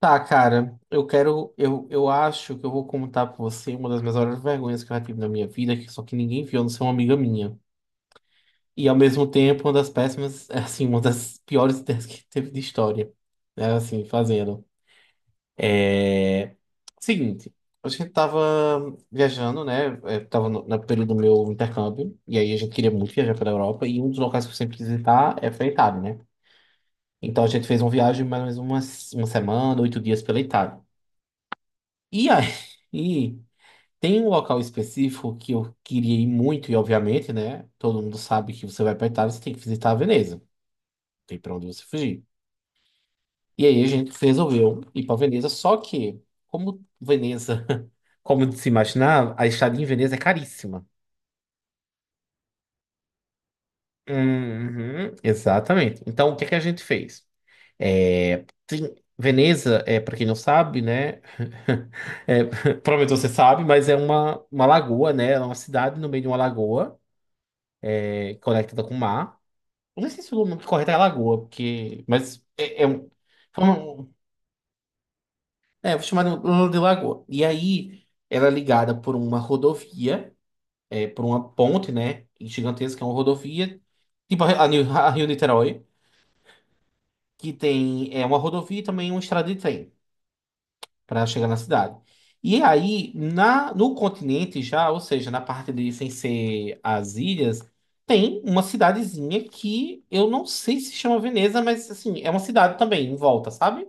Tá, cara, eu quero. Eu acho que eu vou contar pra você uma das minhas maiores vergonhas que eu já tive na minha vida, que só que ninguém viu, a não ser uma amiga minha. E ao mesmo tempo, uma das péssimas, assim, uma das piores ideias que teve de história, né? Assim, fazendo. É, Seguinte, a gente tava viajando, né? Eu tava no período do meu intercâmbio, e aí a gente queria muito viajar pela Europa, e um dos locais que eu sempre quis visitar é pra Itália, né? Então a gente fez uma viagem mais ou menos uma semana, oito dias pela Itália. E aí. Tem um local específico que eu queria ir muito, e obviamente, né? Todo mundo sabe que você vai pra Itália, você tem que visitar a Veneza. Não tem pra onde você fugir. E aí a gente resolveu ir pra Veneza, só que, como Veneza, como se imaginar, a estadia em Veneza é caríssima. Uhum, exatamente. Então, o que é que a gente fez? Veneza, para quem não sabe, né? é, provavelmente você sabe, mas é uma lagoa, né? É uma cidade no meio de uma lagoa, conectada com o mar. Não sei se o nome correto é lagoa, porque. Mas é, é um. foi uma- É, vou chamar de lagoa. E aí, ela é ligada por uma rodovia, por uma ponte, né? Gigantesca, é uma rodovia. Tipo a Rio Niterói, que tem uma rodovia e também uma estrada de trem para chegar na cidade. E aí, no continente já, ou seja, na parte de sem ser as ilhas, tem uma cidadezinha que eu não sei se chama Veneza, mas assim, é uma cidade também em volta, sabe?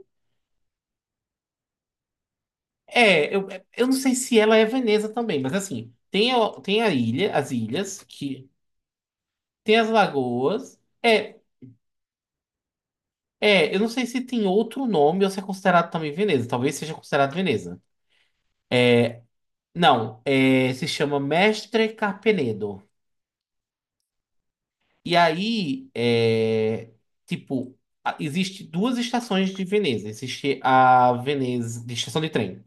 É, eu, eu não sei se ela é Veneza também, mas assim, tem, tem a ilha, as ilhas, que tem as lagoas. Eu não sei se tem outro nome ou se é considerado também Veneza. Talvez seja considerado Veneza. Não, é, se chama Mestre Carpenedo. E aí, é, tipo, a- existe duas estações de Veneza. Existe a Veneza, de estação de trem.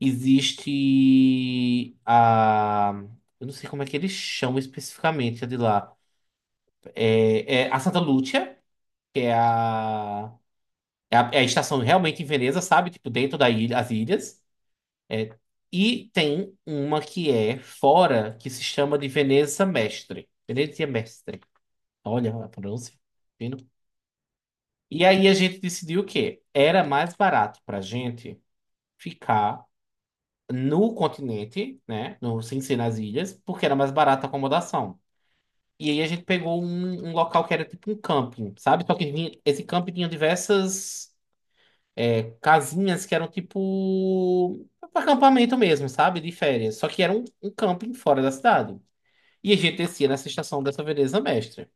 Existe a... Eu não sei como é que eles chamam especificamente a de lá. É a Santa Lúcia, que é a estação realmente em Veneza, sabe? Tipo, dentro da ilha, as ilhas. É, e tem uma que é fora, que se chama de Veneza Mestre. Venezia Mestre. Olha a pronúncia. Fino. E aí a gente decidiu o quê? Era mais barato pra gente ficar no continente, né? No, sem ser nas ilhas, porque era mais barata a acomodação. E aí a gente pegou um local que era tipo um camping, sabe? Só que vinha, esse camping tinha diversas casinhas que eram tipo acampamento mesmo, sabe? De férias. Só que era um camping fora da cidade. E a gente descia nessa estação dessa Veneza Mestra.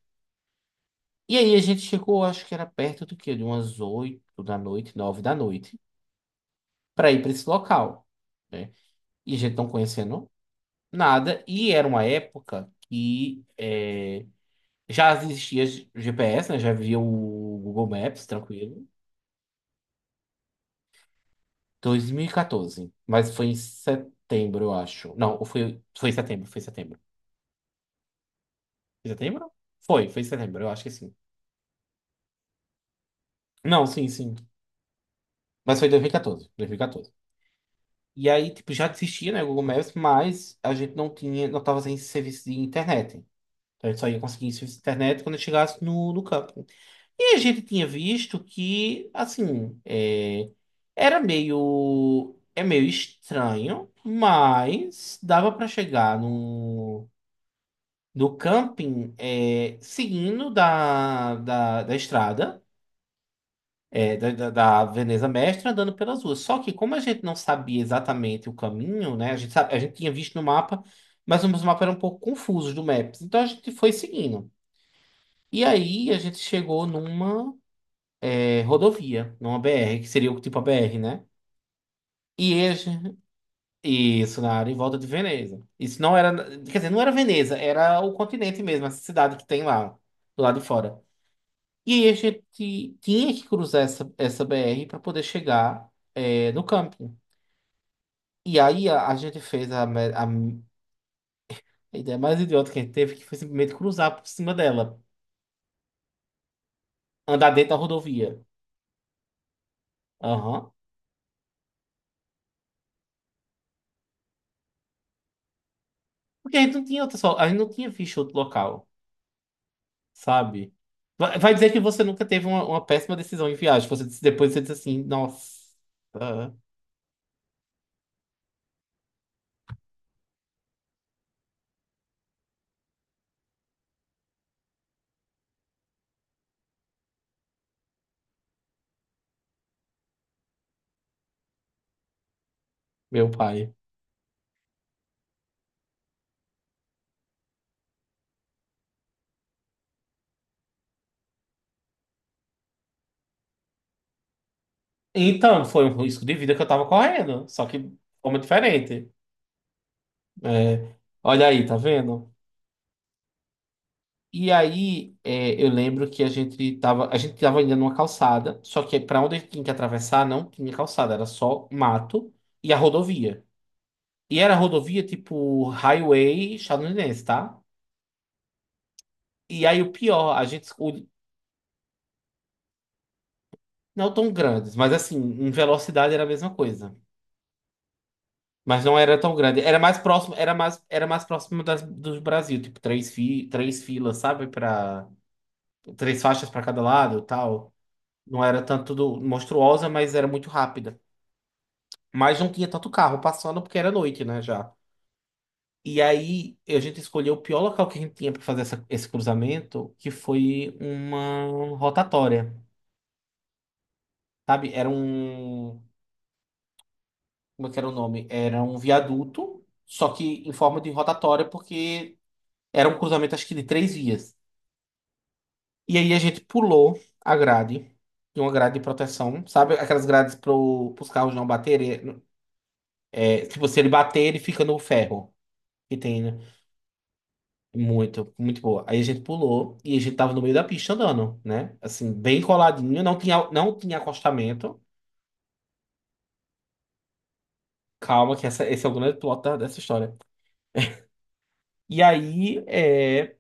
E aí a gente chegou, acho que era perto do quê? De umas 8 da noite, 9 da noite, para ir para esse local, né? E a gente não conhecendo nada. E era uma época que já existia GPS, né? Já havia o Google Maps, tranquilo. 2014. Mas foi em setembro, eu acho. Não, foi em setembro, foi em setembro. Foi em setembro? Foi, foi em setembro, eu acho que sim. Não, sim, sim. Mas foi em 2014, 2014. 2014. E aí, tipo, já existia, né, o Google Maps, mas a gente não tinha, não tava sem serviço de internet. Então a gente só ia conseguir serviço de internet quando a gente chegasse no campo. E a gente tinha visto que, assim, era meio, é meio estranho, mas dava para chegar no camping seguindo da estrada, da Veneza Mestra, andando pelas ruas. Só que como a gente não sabia exatamente o caminho, né? A gente, a gente tinha visto no mapa, mas os mapas eram um pouco confusos do Maps. Então a gente foi seguindo. E aí a gente chegou numa. É, rodovia, numa BR, que seria o tipo a BR, né? E esse, isso, na área em volta de Veneza. Isso não era, quer dizer, não era Veneza, era o continente mesmo, essa cidade que tem lá, do lado de fora. E aí a gente tinha que cruzar essa, essa BR para poder chegar no camping. E aí a gente fez a ideia mais idiota que a gente teve, que foi simplesmente cruzar por cima dela, andar dentro da rodovia. Aham. Porque a gente não tinha outra, só, a gente não tinha visto outro local. Sabe? Vai dizer que você nunca teve uma péssima decisão em viagem. Você depois você diz assim, nossa, meu pai. Então, foi um risco de vida que eu tava correndo, só que de forma diferente. É, olha aí, tá vendo? E aí, é, eu lembro que a gente tava indo numa calçada, só que pra onde a gente tinha que atravessar não tinha calçada, era só mato e a rodovia. E era rodovia tipo highway estadunidense, tá? E aí o pior, a gente, não tão grandes, mas assim, em velocidade era a mesma coisa. Mas não era tão grande. Era mais próximo, era mais próximo das, do Brasil, tipo, três filas, sabe? Para três faixas para cada lado, e tal. Não era tanto monstruosa, mas era muito rápida. Mas não tinha tanto carro passando porque era noite, né, já. E aí a gente escolheu o pior local que a gente tinha para fazer esse cruzamento, que foi uma rotatória, sabe? Era um como é que era o nome? Era um viaduto, só que em forma de rotatória, porque era um cruzamento, acho que de três vias. E aí a gente pulou a grade, de uma grade de proteção, sabe? Aquelas grades para os carros não baterem. É, tipo, se ele bater, ele fica no ferro. Que tem, né? Muito, muito boa. Aí a gente pulou e a gente tava no meio da pista andando, né? Assim, bem coladinho, não tinha, não tinha acostamento. Calma, que essa, esse é o grande plot dessa história. E aí, é.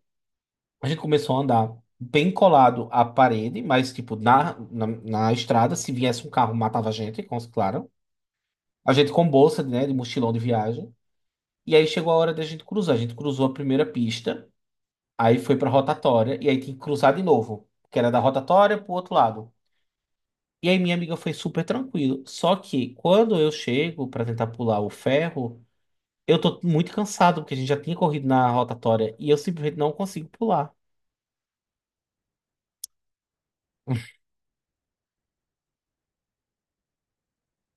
A gente começou a andar bem colado à parede, mas, tipo, na estrada, se viesse um carro, matava a gente, claro. A gente com bolsa, né, de mochilão de viagem. E aí chegou a hora da gente cruzar. A gente cruzou a primeira pista, aí foi pra rotatória, e aí tinha que cruzar de novo, que era da rotatória pro outro lado. E aí minha amiga foi super tranquilo. Só que quando eu chego pra tentar pular o ferro, eu tô muito cansado, porque a gente já tinha corrido na rotatória, e eu simplesmente não consigo pular.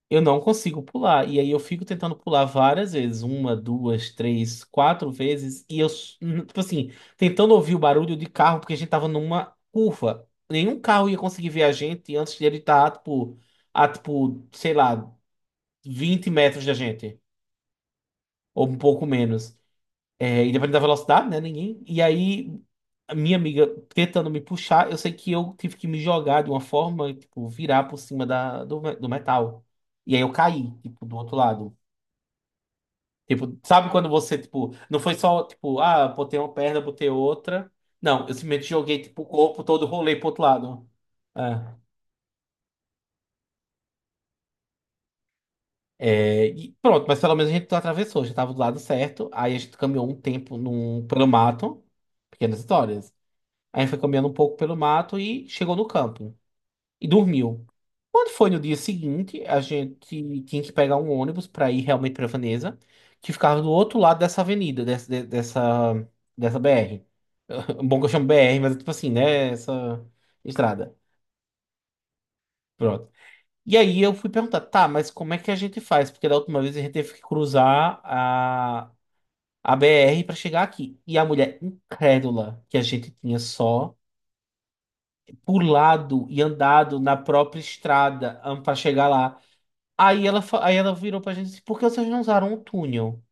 Eu não consigo pular. E aí eu fico tentando pular várias vezes, uma, duas, três, quatro vezes, e tipo assim, tentando ouvir o barulho de carro, porque a gente tava numa curva. Nenhum carro ia conseguir ver a gente antes de ele estar, tipo, sei lá, 20 metros da gente, ou um pouco menos. É, e dependendo da velocidade, né? Ninguém. E aí, a minha amiga tentando me puxar, eu sei que eu tive que me jogar de uma forma, tipo, virar por cima do metal. E aí eu caí, tipo, do outro lado. Tipo, sabe quando você, tipo, não foi só, tipo, ah, botei uma perna, botei outra. Não, eu simplesmente joguei, tipo, o corpo todo, rolei pro outro lado. Ah, É, e pronto, mas pelo menos a gente atravessou, já tava do lado certo. Aí a gente caminhou um tempo num, pelo mato, pequenas histórias. Aí foi caminhando um pouco pelo mato e chegou no campo e dormiu. Quando foi no dia seguinte, a gente tinha que pegar um ônibus para ir realmente para Veneza, que ficava do outro lado dessa avenida, dessa BR. Um Bom que eu chamo BR, mas é tipo assim, né? Essa estrada. Pronto. E aí eu fui perguntar, tá, mas como é que a gente faz? Porque da última vez a gente teve que cruzar a BR para chegar aqui. E a mulher incrédula que a gente tinha só pulado e andado na própria estrada para chegar lá. Aí ela virou pra gente e disse, por que vocês não usaram o túnel?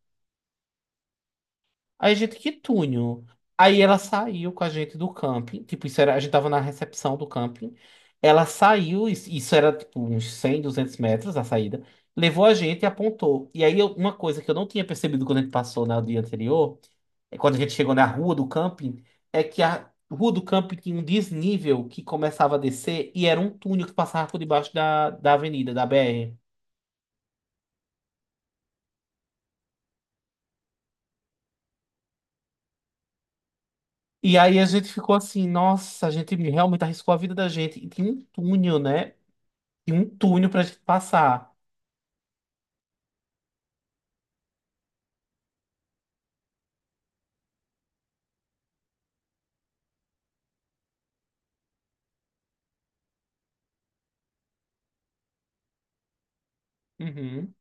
Aí, a gente, que túnel. Aí ela saiu com a gente do camping. Tipo, isso era, a gente tava na recepção do camping. Ela saiu, isso era tipo uns 100 200 metros a saída. Levou a gente e apontou. E aí, uma coisa que eu não tinha percebido quando a gente passou no dia anterior, é quando a gente chegou na rua do camping, é que a rua do camping tinha um desnível que começava a descer e era um túnel que passava por debaixo da avenida, da BR. E aí a gente ficou assim, nossa, a gente realmente arriscou a vida da gente. E tinha um túnel, né? E um túnel pra gente passar. Uhum.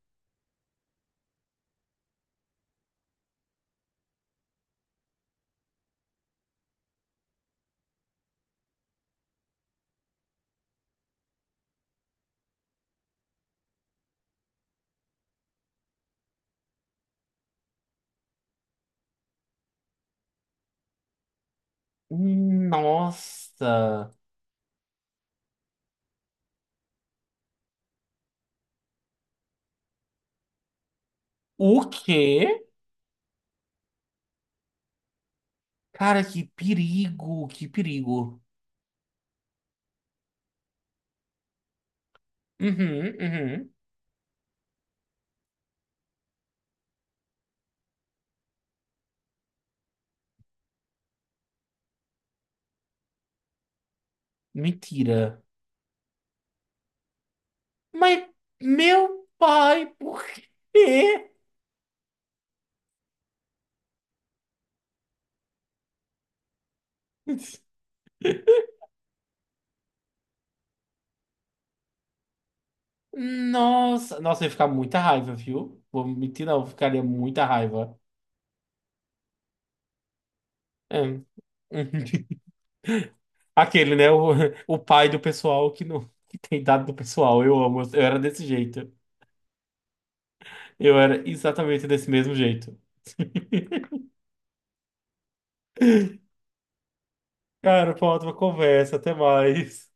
Nossa! O quê? Cara, que perigo, que perigo. Uhum, uhum. Mentira. Mas, meu pai, por quê? Nossa, nossa, eu ia ficar muita raiva, viu? Vou mentir, não, eu ficaria muita raiva. É. Uhum. Aquele, né? O pai do pessoal que não que tem dado do pessoal. Eu amo, eu era desse jeito. Eu era exatamente desse mesmo jeito. Cara, foi uma ótima conversa. Até mais.